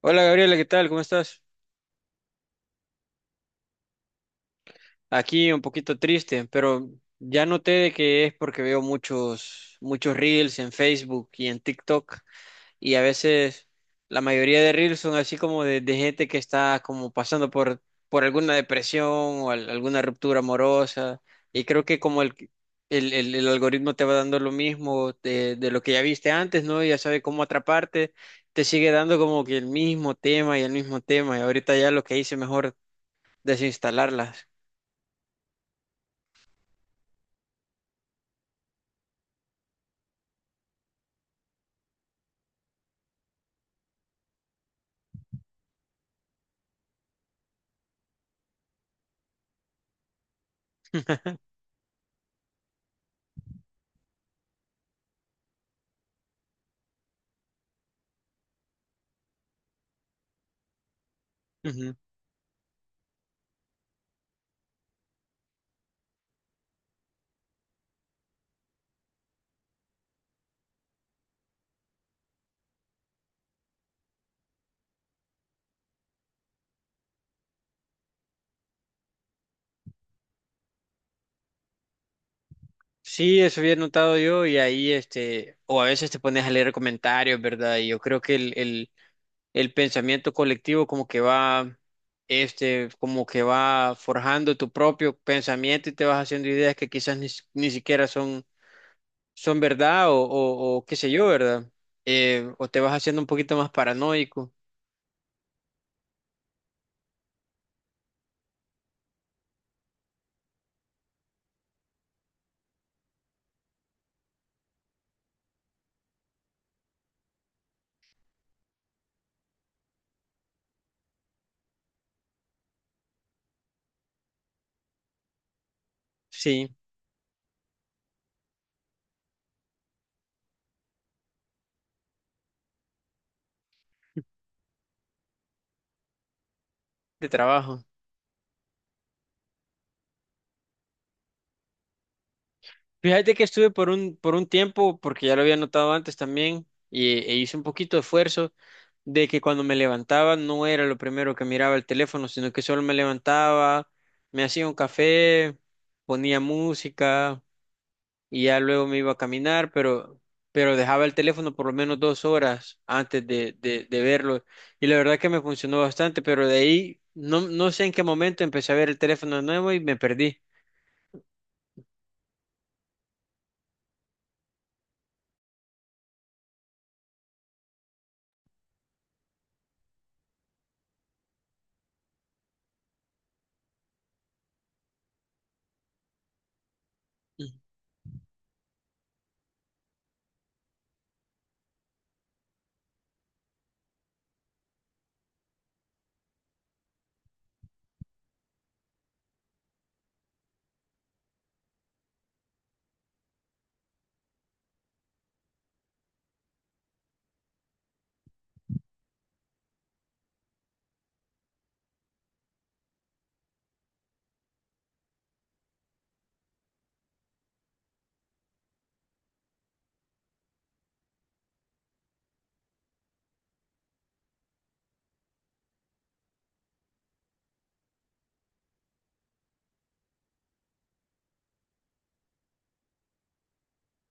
Hola Gabriela, ¿qué tal? ¿Cómo estás? Aquí un poquito triste, pero ya noté de que es porque veo muchos, muchos reels en Facebook y en TikTok y a veces la mayoría de reels son así como de gente que está como pasando por alguna depresión o alguna ruptura amorosa y creo que como el algoritmo te va dando lo mismo de lo que ya viste antes, ¿no? Y ya sabe cómo atraparte, te sigue dando como que el mismo tema y el mismo tema y ahorita ya lo que hice mejor desinstalarlas. Ujú. Sí, eso había notado yo y ahí, este, o a veces te pones a leer comentarios, ¿verdad? Y yo creo que el pensamiento colectivo como que va, este, como que va forjando tu propio pensamiento y te vas haciendo ideas que quizás ni, ni siquiera son, son verdad o qué sé yo, ¿verdad? O te vas haciendo un poquito más paranoico, sí, de trabajo. Fíjate que estuve por un tiempo, porque ya lo había notado antes también, y, e hice un poquito de esfuerzo de que cuando me levantaba no era lo primero que miraba el teléfono, sino que solo me levantaba, me hacía un café, ponía música y ya luego me iba a caminar, pero dejaba el teléfono por lo menos dos horas antes de verlo. Y la verdad que me funcionó bastante, pero de ahí no, no sé en qué momento empecé a ver el teléfono de nuevo y me perdí.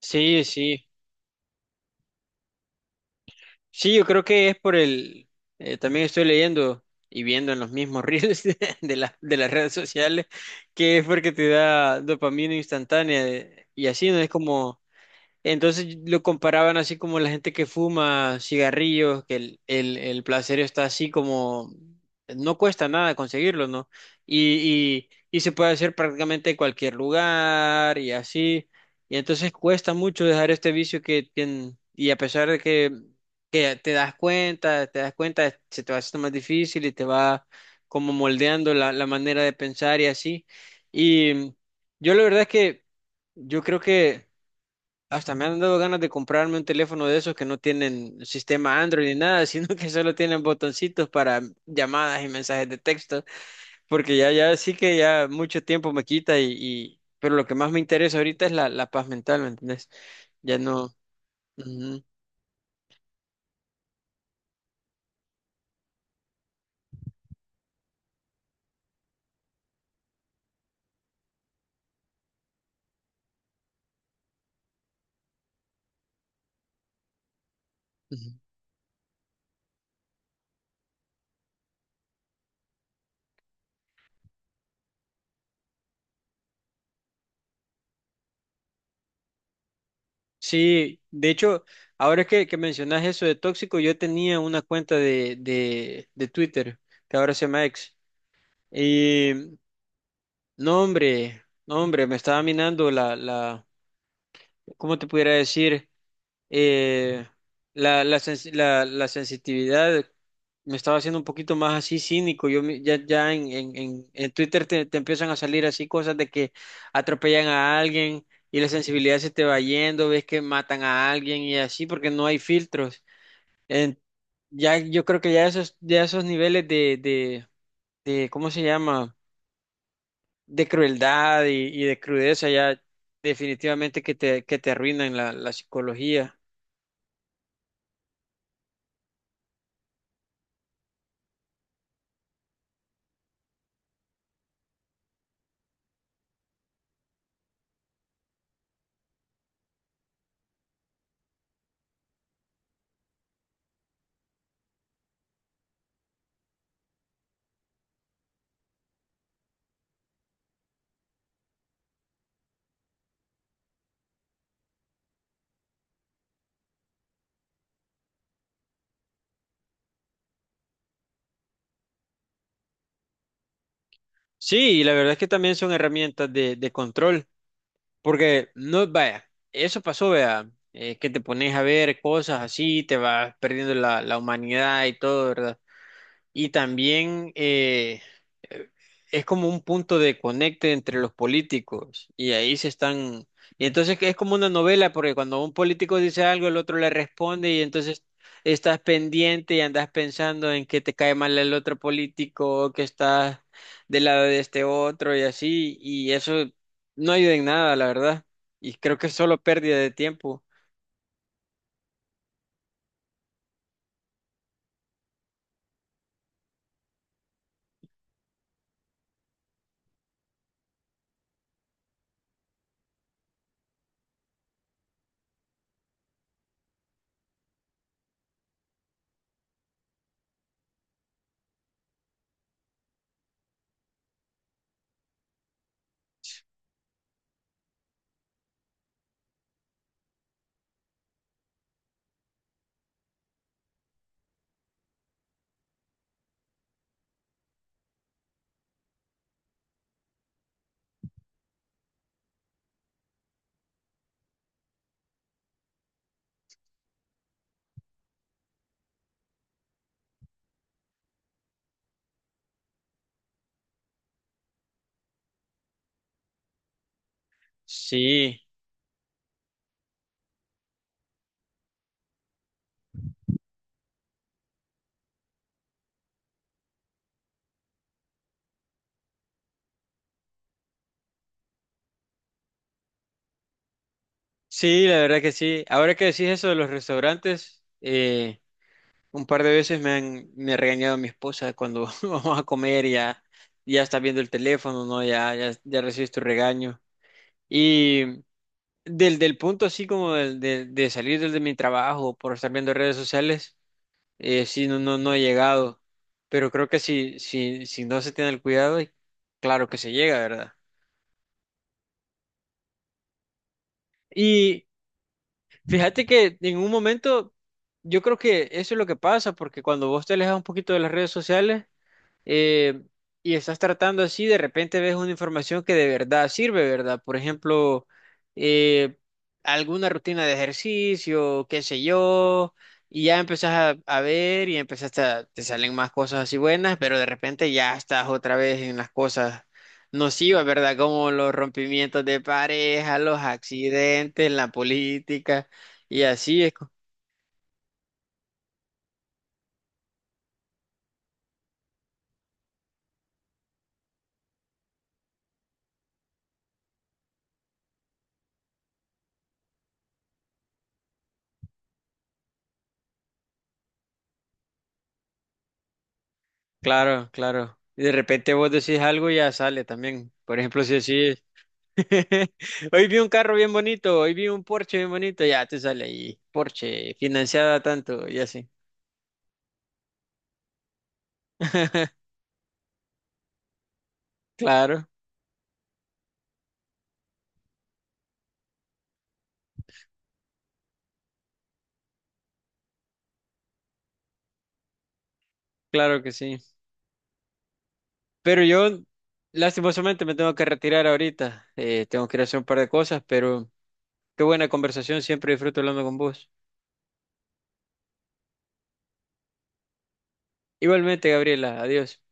Sí, sí. Sí, yo creo que es por el... Eh, también estoy leyendo y viendo en los mismos reels de, de las redes sociales que es porque te da dopamina instantánea y así, ¿no? Es como... Entonces lo comparaban así como la gente que fuma cigarrillos, que el placer está así como no cuesta nada conseguirlo, ¿no? Y, y, y se puede hacer prácticamente en cualquier lugar y así. Y entonces cuesta mucho dejar este vicio que tienen. Y a pesar de que te das cuenta, se te va haciendo más difícil y te va como moldeando la, la manera de pensar y así. Y yo la verdad es que yo creo que hasta me han dado ganas de comprarme un teléfono de esos que no tienen sistema Android ni nada, sino que solo tienen botoncitos para llamadas y mensajes de texto, porque ya, ya sí que ya mucho tiempo me quita y, pero lo que más me interesa ahorita es la, la paz mental, ¿me entendés? Ya no. Ujú, ujú. Sí, de hecho, ahora que mencionas eso de tóxico, yo tenía una cuenta de Twitter, que ahora se llama X, y no, hombre, no, hombre, me estaba minando la, la, ¿cómo te pudiera decir? Eh, la, la, la sensitividad me estaba haciendo un poquito más así cínico. Ya, ya en, en Twitter te, te empiezan a salir así cosas de que atropellan a alguien y la sensibilidad se te va yendo, ves que matan a alguien y así porque no hay filtros. En- ya, yo creo que ya esos niveles de, ¿cómo se llama? De crueldad y de crudeza ya definitivamente que te arruinan la la psicología. Sí, y la verdad es que también son herramientas de control, porque no, vaya, eso pasó, vea, que te pones a ver cosas así, te vas perdiendo la, la humanidad y todo, ¿verdad? Y también eh, es como un punto de conecte entre los políticos y ahí se están... Y entonces es como una novela porque cuando un político dice algo el otro le responde y entonces estás pendiente y andas pensando en que te cae mal el otro político o que estás del lado de este otro y así y eso no ayuda en nada, la verdad. Y creo que es solo pérdida de tiempo. Sí, sí, la verdad que sí. Ahora que decís eso de los restaurantes, un par de veces me ha regañado mi esposa cuando vamos a comer y ya, ya está viendo el teléfono, ¿no? Ya, ya, ya recibes tu regaño. Y del punto así como de salir de mi trabajo por estar viendo redes sociales, sí, no, no, no he llegado. Pero creo que si, si no se tiene el cuidado, claro que se llega, ¿verdad? Y fíjate que en un momento, yo creo que eso es lo que pasa, porque cuando vos te alejas un poquito de las redes sociales, eh, y estás tratando así, de repente ves una información que de verdad sirve, ¿verdad? Por ejemplo, eh, alguna rutina de ejercicio, qué sé yo, y ya empezás a ver y empezás a, te salen más cosas así buenas, pero de repente ya estás otra vez en las cosas nocivas, ¿verdad? Como los rompimientos de pareja, los accidentes, la política, y así es. Claro, claro. Y de repente vos decís algo y ya sale también. Por ejemplo, si decís... Hoy vi un carro bien bonito, hoy vi un Porsche bien bonito, ya te sale ahí, Porsche, financiada tanto y así. Claro, claro que sí. Pero yo, lastimosamente, me tengo que retirar ahorita. Tengo que ir a hacer un par de cosas, pero qué buena conversación, siempre disfruto hablando con vos. Igualmente, Gabriela, adiós.